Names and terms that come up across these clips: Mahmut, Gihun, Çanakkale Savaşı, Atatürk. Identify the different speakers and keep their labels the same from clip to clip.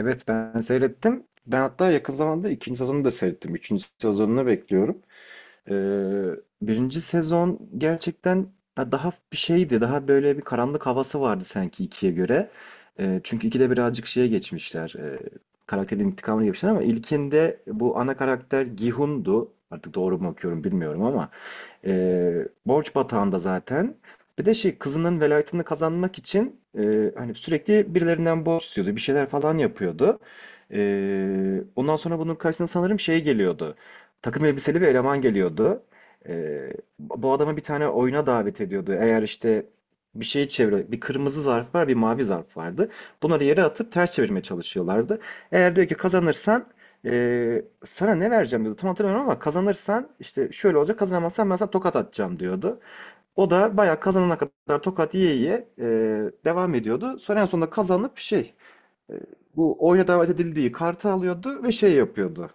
Speaker 1: Evet ben seyrettim. Ben hatta yakın zamanda ikinci sezonu da seyrettim. Üçüncü sezonunu bekliyorum. Ee, birinci sezon gerçekten ya daha bir şeydi. Daha böyle bir karanlık havası vardı sanki ikiye göre. Çünkü ikide birazcık şeye geçmişler. Karakterin intikamını yapmışlar ama ilkinde bu ana karakter Gihun'du. Artık doğru mu okuyorum bilmiyorum ama borç batağında zaten. Bir de şey kızının velayetini kazanmak için hani sürekli birilerinden borç istiyordu. Bir şeyler falan yapıyordu. Ondan sonra bunun karşısına sanırım şey geliyordu. Takım elbiseli bir eleman geliyordu. Ee, bu adama bir tane oyuna davet ediyordu. Eğer işte bir şeyi çevir, bir kırmızı zarf var, bir mavi zarf vardı. Bunları yere atıp ters çevirmeye çalışıyorlardı. Eğer diyor ki kazanırsan sana ne vereceğim diyordu. Tam hatırlamıyorum ama kazanırsan işte şöyle olacak. Kazanamazsan ben sana tokat atacağım diyordu. O da bayağı kazanana kadar tokat yiye yiye devam ediyordu. Sonra en sonunda kazanıp şey e, bu oyuna davet edildiği kartı alıyordu ve şey yapıyordu.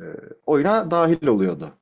Speaker 1: E, oyuna dahil oluyordu.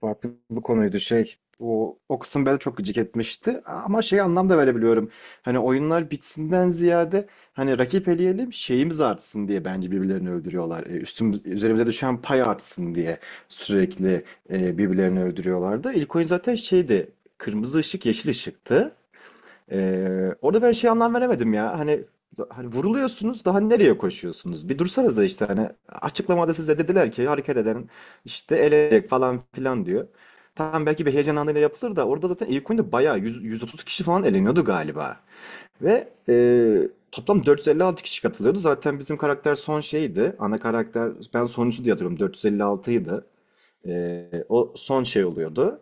Speaker 1: Farklı bir konuydu şey. O kısım beni çok gıcık etmişti. Ama şey anlamda verebiliyorum. Hani oyunlar bitsinden ziyade hani rakip eleyelim şeyimiz artsın diye bence birbirlerini öldürüyorlar. Üzerimize düşen pay artsın diye sürekli birbirlerini öldürüyorlardı. İlk oyun zaten şeydi. Kırmızı ışık yeşil ışıktı. Orada ben şey anlam veremedim ya. Hani vuruluyorsunuz daha nereye koşuyorsunuz? Bir dursanız da işte hani açıklamada size dediler ki hareket eden işte elecek falan filan diyor. Tamam belki bir heyecan anıyla yapılır da orada zaten ilk oyunda bayağı 100, 130 kişi falan eleniyordu galiba. Ve toplam 456 kişi katılıyordu. Zaten bizim karakter son şeydi. Ana karakter ben sonuncu diye hatırlıyorum 456 idi. O son şey oluyordu.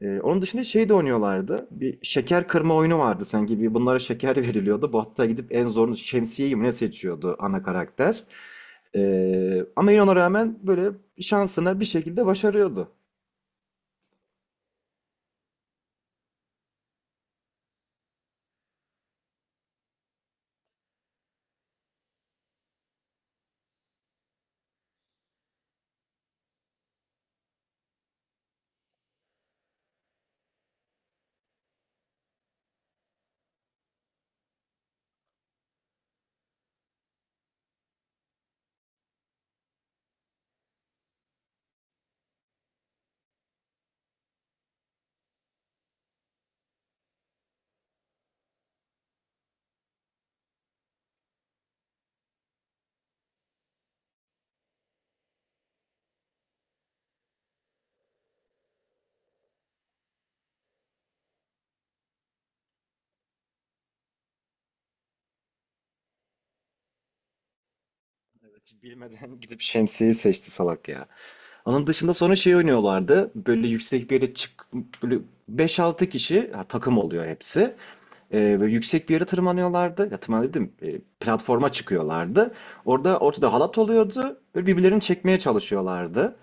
Speaker 1: Onun dışında şey de oynuyorlardı. Bir şeker kırma oyunu vardı sanki. Bir bunlara şeker veriliyordu. Bu hatta gidip en zorunu şemsiyeyi mi ne seçiyordu ana karakter. Ama yine ona rağmen böyle şansına bir şekilde başarıyordu. Evet, bilmeden gidip şemsiyeyi seçti salak ya. Onun dışında sonra şey oynuyorlardı. Böyle yüksek bir yere çık böyle beş altı kişi ha, takım oluyor hepsi. Böyle yüksek bir yere tırmanıyorlardı. Ya tırmanıyor, platforma çıkıyorlardı. Orada ortada halat oluyordu. Böyle birbirlerini çekmeye çalışıyorlardı.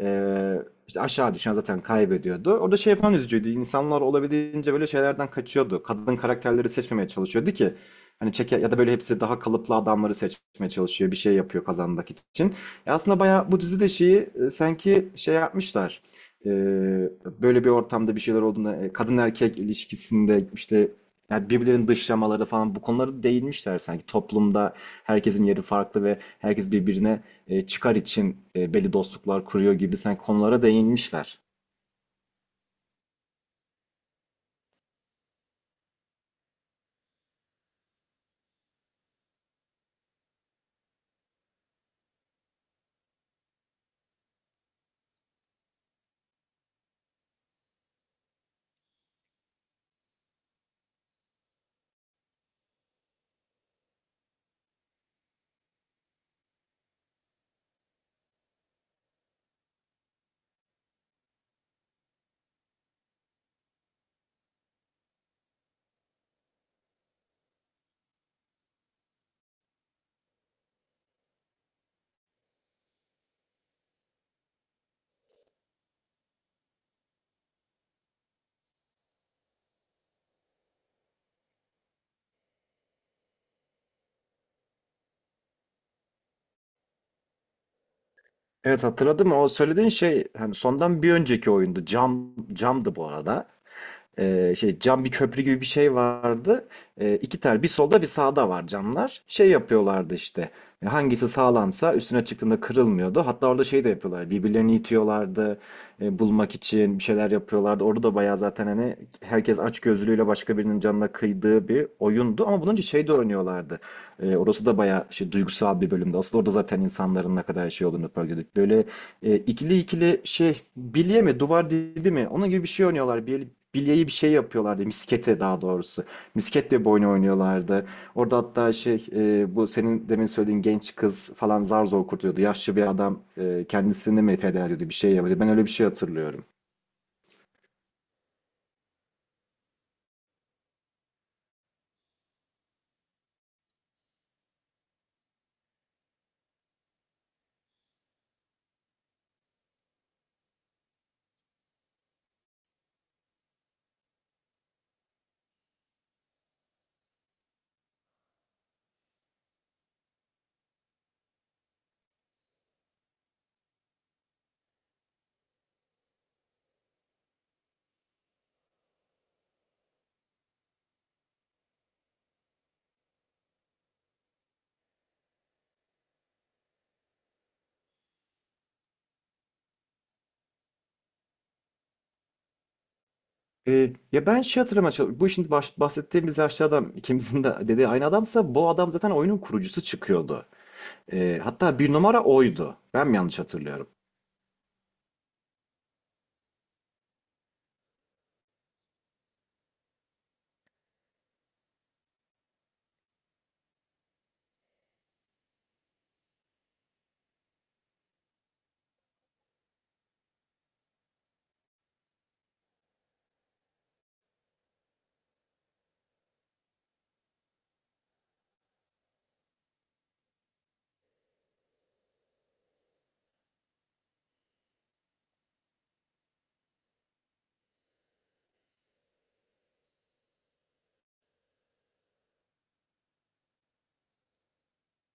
Speaker 1: Ee, işte aşağı düşen zaten kaybediyordu. Orada şey falan üzücüydü. İnsanlar olabildiğince böyle şeylerden kaçıyordu. Kadın karakterleri seçmemeye çalışıyordu ki hani çeke ya da böyle hepsi daha kalıplı adamları seçmeye çalışıyor. Bir şey yapıyor kazanmak için. Aslında bayağı bu dizide şeyi sanki şey yapmışlar. E, böyle bir ortamda bir şeyler olduğunda kadın erkek ilişkisinde işte yani birbirlerinin dışlamaları falan bu konuları değinmişler sanki. Toplumda herkesin yeri farklı ve herkes birbirine çıkar için belli dostluklar kuruyor gibi sanki konulara değinmişler. Evet, hatırladım. O söylediğin şey hani sondan bir önceki oyundu. Camdı bu arada. Şey cam bir köprü gibi bir şey vardı. İki tane bir solda bir sağda var camlar. Şey yapıyorlardı işte. Hangisi sağlamsa üstüne çıktığında kırılmıyordu. Hatta orada şey de yapıyorlar. Birbirlerini itiyorlardı. Bulmak için bir şeyler yapıyorlardı. Orada da bayağı zaten hani herkes açgözlülüğüyle başka birinin canına kıydığı bir oyundu. Ama bunun için şey de oynuyorlardı. Orası da bayağı şey duygusal bir bölümdü. Aslında orada zaten insanların ne kadar şey olduğunu fark ediyorduk. Böyle ikili ikili şey bilye mi duvar dibi mi onun gibi bir şey oynuyorlar. Bilyeyi bir şey yapıyorlardı. Miskete daha doğrusu. Misket diye bir oyun oynuyorlardı. Orada hatta şey bu senin demin söylediğin genç kız falan zar zor kurtuluyordu. Yaşlı bir adam kendisini mi feda ediyordu bir şey yapıyordu. Ben öyle bir şey hatırlıyorum. Ya ben şey hatırlamaya çalışıyorum. Bu şimdi bahsettiğimiz yaşlı adam ikimizin de dediği aynı adamsa bu adam zaten oyunun kurucusu çıkıyordu. Hatta bir numara oydu. Ben mi yanlış hatırlıyorum?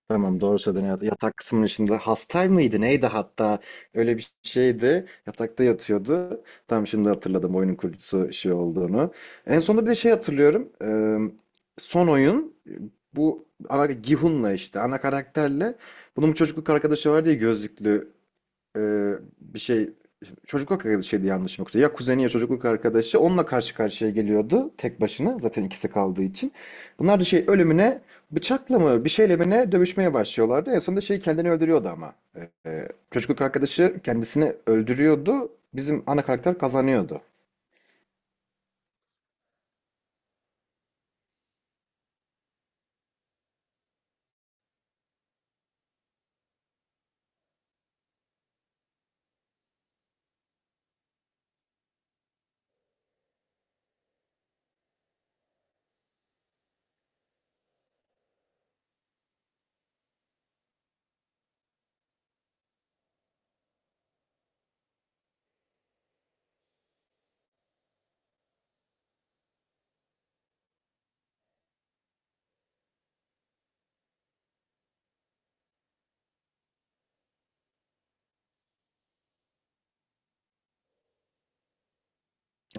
Speaker 1: Tamam, doğru söyledin. Evet, yatak kısmının içinde hastay mıydı neydi hatta öyle bir şeydi. Yatakta yatıyordu. Tam şimdi hatırladım oyunun kurucusu şey olduğunu. En sonunda bir de şey hatırlıyorum. Son oyun bu ana Gihun'la işte ana karakterle bunun bir çocukluk arkadaşı var diye gözlüklü e, bir şey çocukluk arkadaşıydı yanlış yoksa ya kuzeni ya çocukluk arkadaşı onunla karşı karşıya geliyordu tek başına zaten ikisi kaldığı için. Bunlar da şey ölümüne bıçakla mı bir şeyle mi ne dövüşmeye başlıyorlardı. En sonunda şey kendini öldürüyordu ama. Çocukluk arkadaşı kendisini öldürüyordu. Bizim ana karakter kazanıyordu.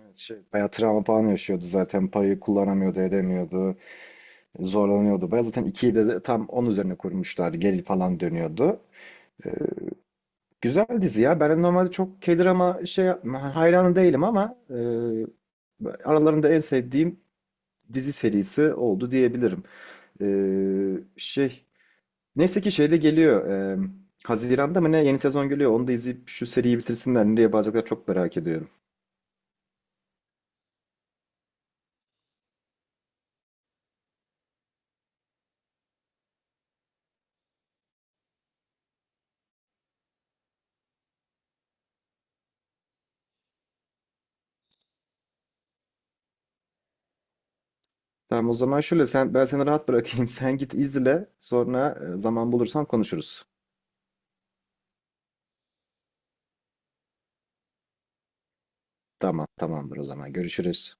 Speaker 1: Evet, şey, bayağı travma falan yaşıyordu zaten. Parayı kullanamıyordu, edemiyordu. Zorlanıyordu. Bayağı zaten ikiyi de tam onun üzerine kurmuşlardı. Geri falan dönüyordu. Güzel dizi ya. Ben normalde çok K-drama hayranı değilim ama aralarında en sevdiğim dizi serisi oldu diyebilirim. E, şey neyse ki şeyde geliyor. Haziran'da mı ne yeni sezon geliyor. Onu da izleyip şu seriyi bitirsinler. Nereye bağlayacaklar çok merak ediyorum. Tamam, o zaman şöyle, sen ben seni rahat bırakayım. Sen git izle. Sonra zaman bulursan konuşuruz. Tamam, tamamdır o zaman. Görüşürüz.